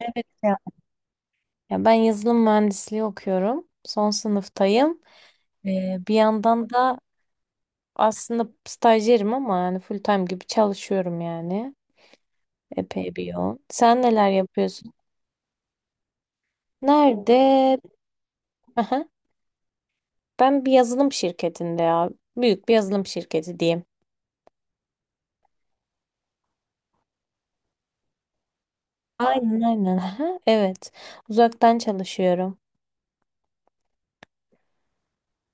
Evet ya. Ya ben yazılım mühendisliği okuyorum. Son sınıftayım. Bir yandan da aslında stajyerim ama yani full time gibi çalışıyorum yani. Epey bir yoğun. Sen neler yapıyorsun? Nerede? Aha. Ben bir yazılım şirketinde ya. Büyük bir yazılım şirketi diyeyim. Aynen aynen. Aha, evet. Uzaktan çalışıyorum.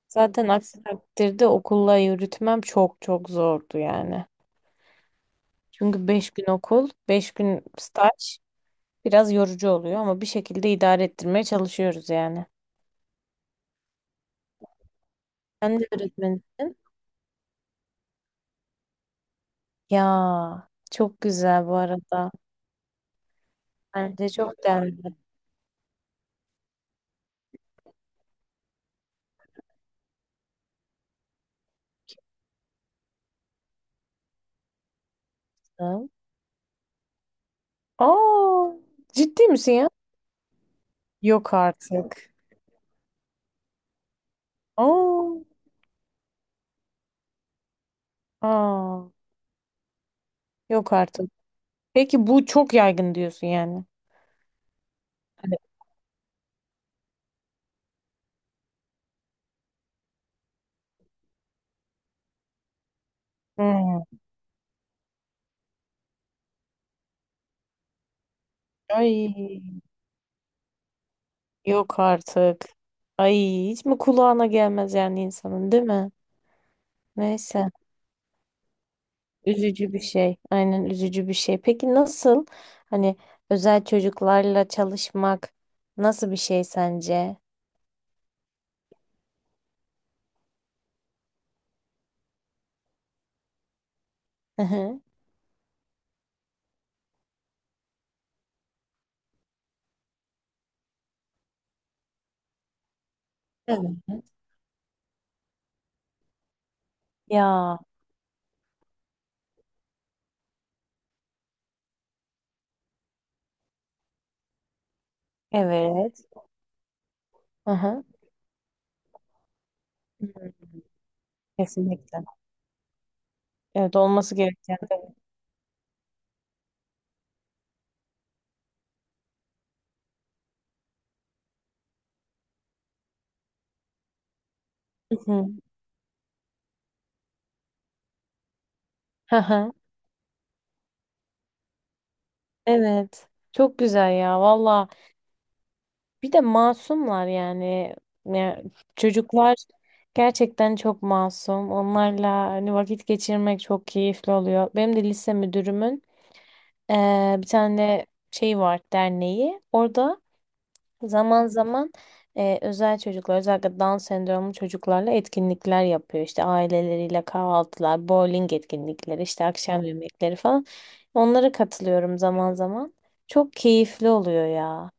Zaten aksi takdirde okulla yürütmem çok çok zordu yani. Çünkü 5 gün okul, 5 gün staj. Biraz yorucu oluyor ama bir şekilde idare ettirmeye çalışıyoruz yani. Sen de öğretmenisin. Ya çok güzel bu arada. Bence çok değerli. Aa, ciddi misin ya? Yok artık. Aa, aa, yok artık. Peki bu çok yaygın diyorsun yani. Hani. Hmm. Ay, yok artık. Ay, hiç mi kulağına gelmez yani insanın, değil mi? Neyse. Üzücü bir şey. Aynen, üzücü bir şey. Peki nasıl, hani özel çocuklarla çalışmak nasıl bir şey sence? Hı hı. Evet. Ya evet. Hı hı. Hı, hı. Kesinlikle. Evet, olması gereken. Evet. Hı hı. Hı hı. Evet. Çok güzel ya valla. Bir de masumlar yani. Ya, çocuklar gerçekten çok masum. Onlarla hani vakit geçirmek çok keyifli oluyor. Benim de lise müdürümün bir tane şey var, derneği. Orada zaman zaman özel çocuklar, özellikle Down sendromlu çocuklarla etkinlikler yapıyor. İşte aileleriyle kahvaltılar, bowling etkinlikleri, işte akşam yemekleri falan. Onlara katılıyorum zaman zaman. Çok keyifli oluyor ya.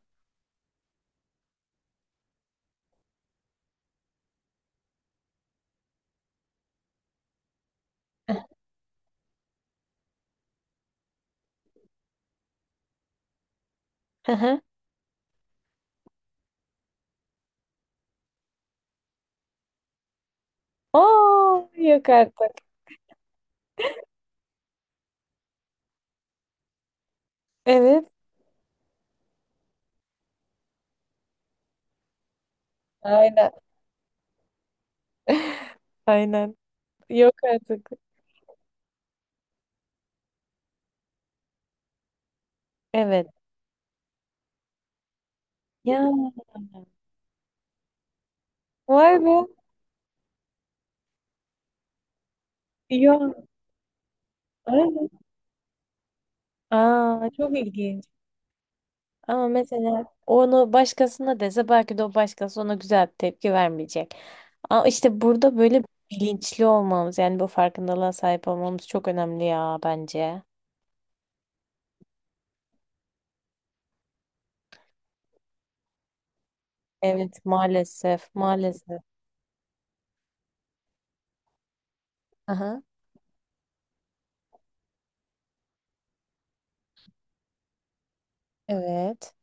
Aa, yok artık. Evet. Aynen. Aynen. Yok artık. Evet. Ya, vay be. Ya. Aynen. Aa, çok ilginç. Ama mesela onu başkasına dese, belki de o başkası ona güzel bir tepki vermeyecek. Ama işte burada böyle bilinçli olmamız, yani bu farkındalığa sahip olmamız çok önemli ya, bence. Evet, maalesef, maalesef. Aha, evet.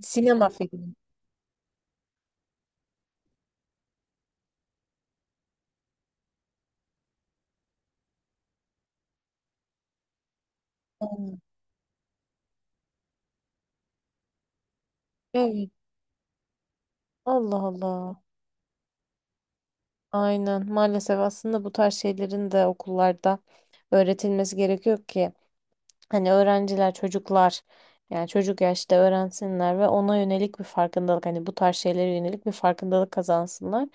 Sinema filmi. Aynen. Evet. Allah Allah. Aynen, maalesef aslında bu tarz şeylerin de okullarda öğretilmesi gerekiyor ki. Hani öğrenciler, çocuklar, yani çocuk yaşta öğrensinler ve ona yönelik bir farkındalık, hani bu tarz şeylere yönelik bir farkındalık kazansınlar.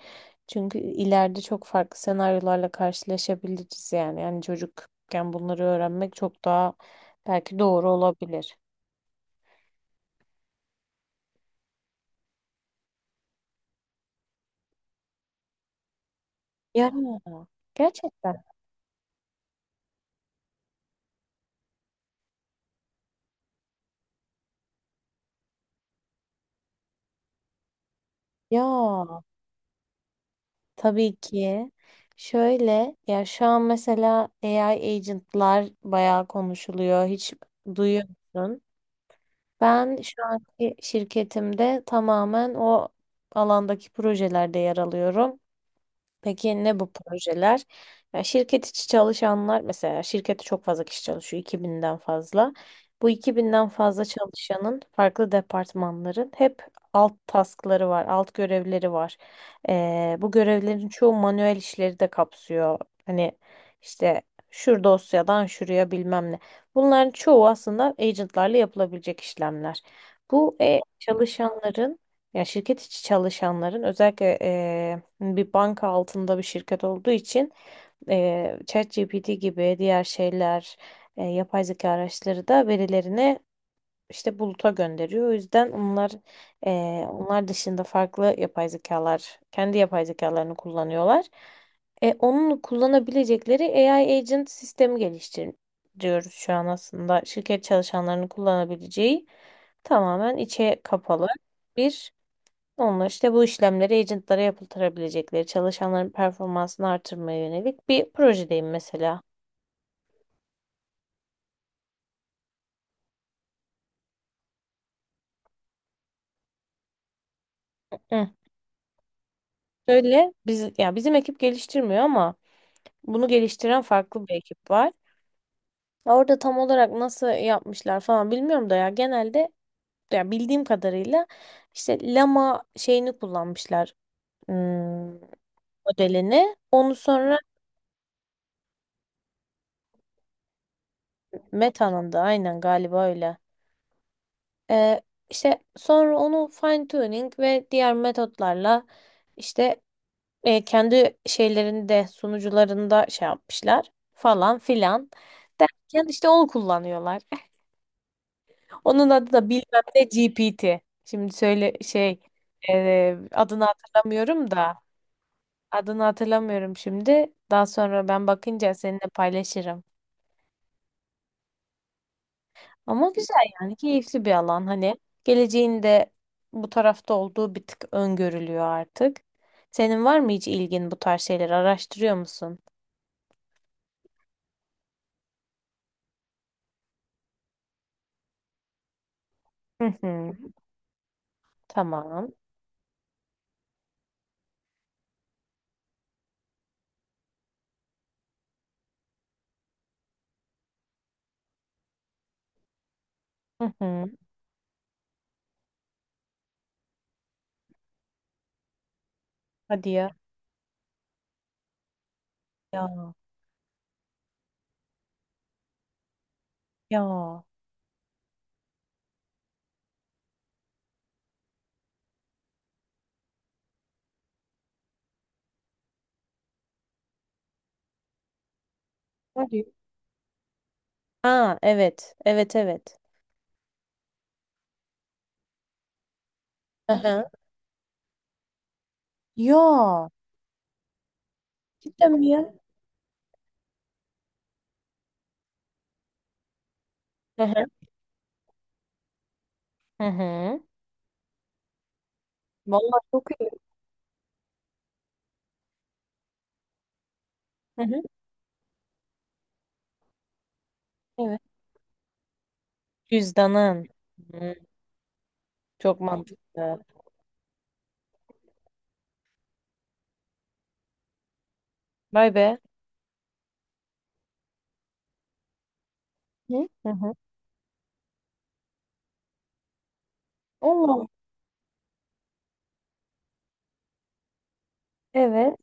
Çünkü ileride çok farklı senaryolarla karşılaşabiliriz yani. Yani çocukken bunları öğrenmek çok daha belki doğru olabilir. Ya, gerçekten. Ya tabii ki. Şöyle, ya şu an mesela AI agentlar bayağı konuşuluyor. Hiç duyuyor musun? Ben şu anki şirketimde tamamen o alandaki projelerde yer alıyorum. Peki ne bu projeler? Ya, şirket içi çalışanlar, mesela şirkette çok fazla kişi çalışıyor, 2000'den fazla. Bu 2000'den fazla çalışanın farklı departmanların hep alt taskları var, alt görevleri var. Bu görevlerin çoğu manuel işleri de kapsıyor. Hani işte şu dosyadan şuraya bilmem ne. Bunların çoğu aslında agentlarla yapılabilecek işlemler. Bu çalışanların, ya şirket içi çalışanların, özellikle hani bir banka altında bir şirket olduğu için ChatGPT gibi diğer şeyler, yapay zeka araçları da verilerini işte buluta gönderiyor. O yüzden onlar dışında farklı yapay zekalar, kendi yapay zekalarını kullanıyorlar. Onun kullanabilecekleri AI agent sistemi geliştiriyoruz şu an aslında. Şirket çalışanlarının kullanabileceği, tamamen içe kapalı bir, onlar işte bu işlemleri agentlara yapıltırabilecekleri, çalışanların performansını artırmaya yönelik bir projedeyim mesela. Hı. Şöyle, ya bizim ekip geliştirmiyor ama bunu geliştiren farklı bir ekip var. Orada tam olarak nasıl yapmışlar falan bilmiyorum da, ya genelde, ya bildiğim kadarıyla işte Lama şeyini kullanmışlar. hmm, Modelini. Onu sonra Meta'nın da aynen galiba öyle. Ee, işte sonra onu fine tuning ve diğer metotlarla işte kendi şeylerinde, sunucularında şey yapmışlar falan filan derken, işte onu kullanıyorlar. Onun adı da bilmem ne GPT. Şimdi söyle, şey adını hatırlamıyorum da, adını hatırlamıyorum şimdi. Daha sonra ben bakınca seninle paylaşırım. Ama güzel yani, keyifli bir alan, hani geleceğinde bu tarafta olduğu bir tık öngörülüyor artık. Senin var mı hiç ilgin, bu tarz şeyleri araştırıyor musun? Hı hı. Tamam. Hı hı. Hadi ya. Ya. Ya. Hadi. Ha, evet. Evet, evet. Hı hı. Ya. Cidden mi ya? Hı hı. Hı hı. Vallahi çok iyi. Hı hı. Evet. Cüzdanın. Hı. Çok mantıklı. Vay be. Hı hı. Hı. Allah. Evet.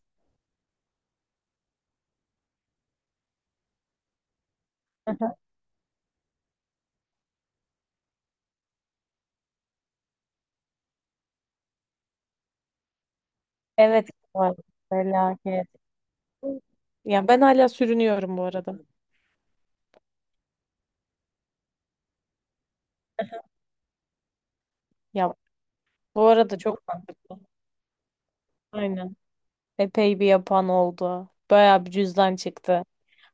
Evet, var. Felaket. Ya ben hala sürünüyorum bu arada. Ya bu arada çok mantıklı. Aynen. Epey bir yapan oldu. Bayağı bir cüzdan çıktı.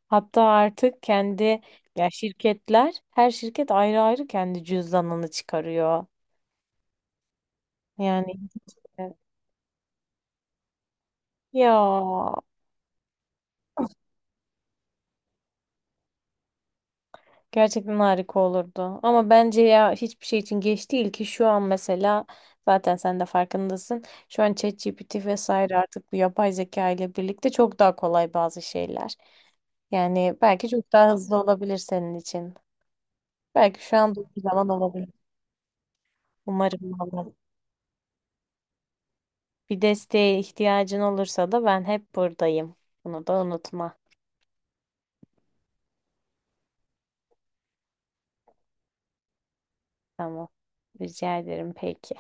Hatta artık ya şirketler, her şirket ayrı ayrı kendi cüzdanını çıkarıyor. Yani evet. Ya gerçekten harika olurdu. Ama bence ya, hiçbir şey için geç değil ki. Şu an mesela zaten sen de farkındasın. Şu an ChatGPT vesaire, artık bu yapay zeka ile birlikte çok daha kolay bazı şeyler. Yani belki çok daha hızlı olabilir senin için. Belki şu an bir zaman olabilir. Umarım valla. Bir desteğe ihtiyacın olursa da ben hep buradayım. Bunu da unutma. Tamam. Rica ederim, peki.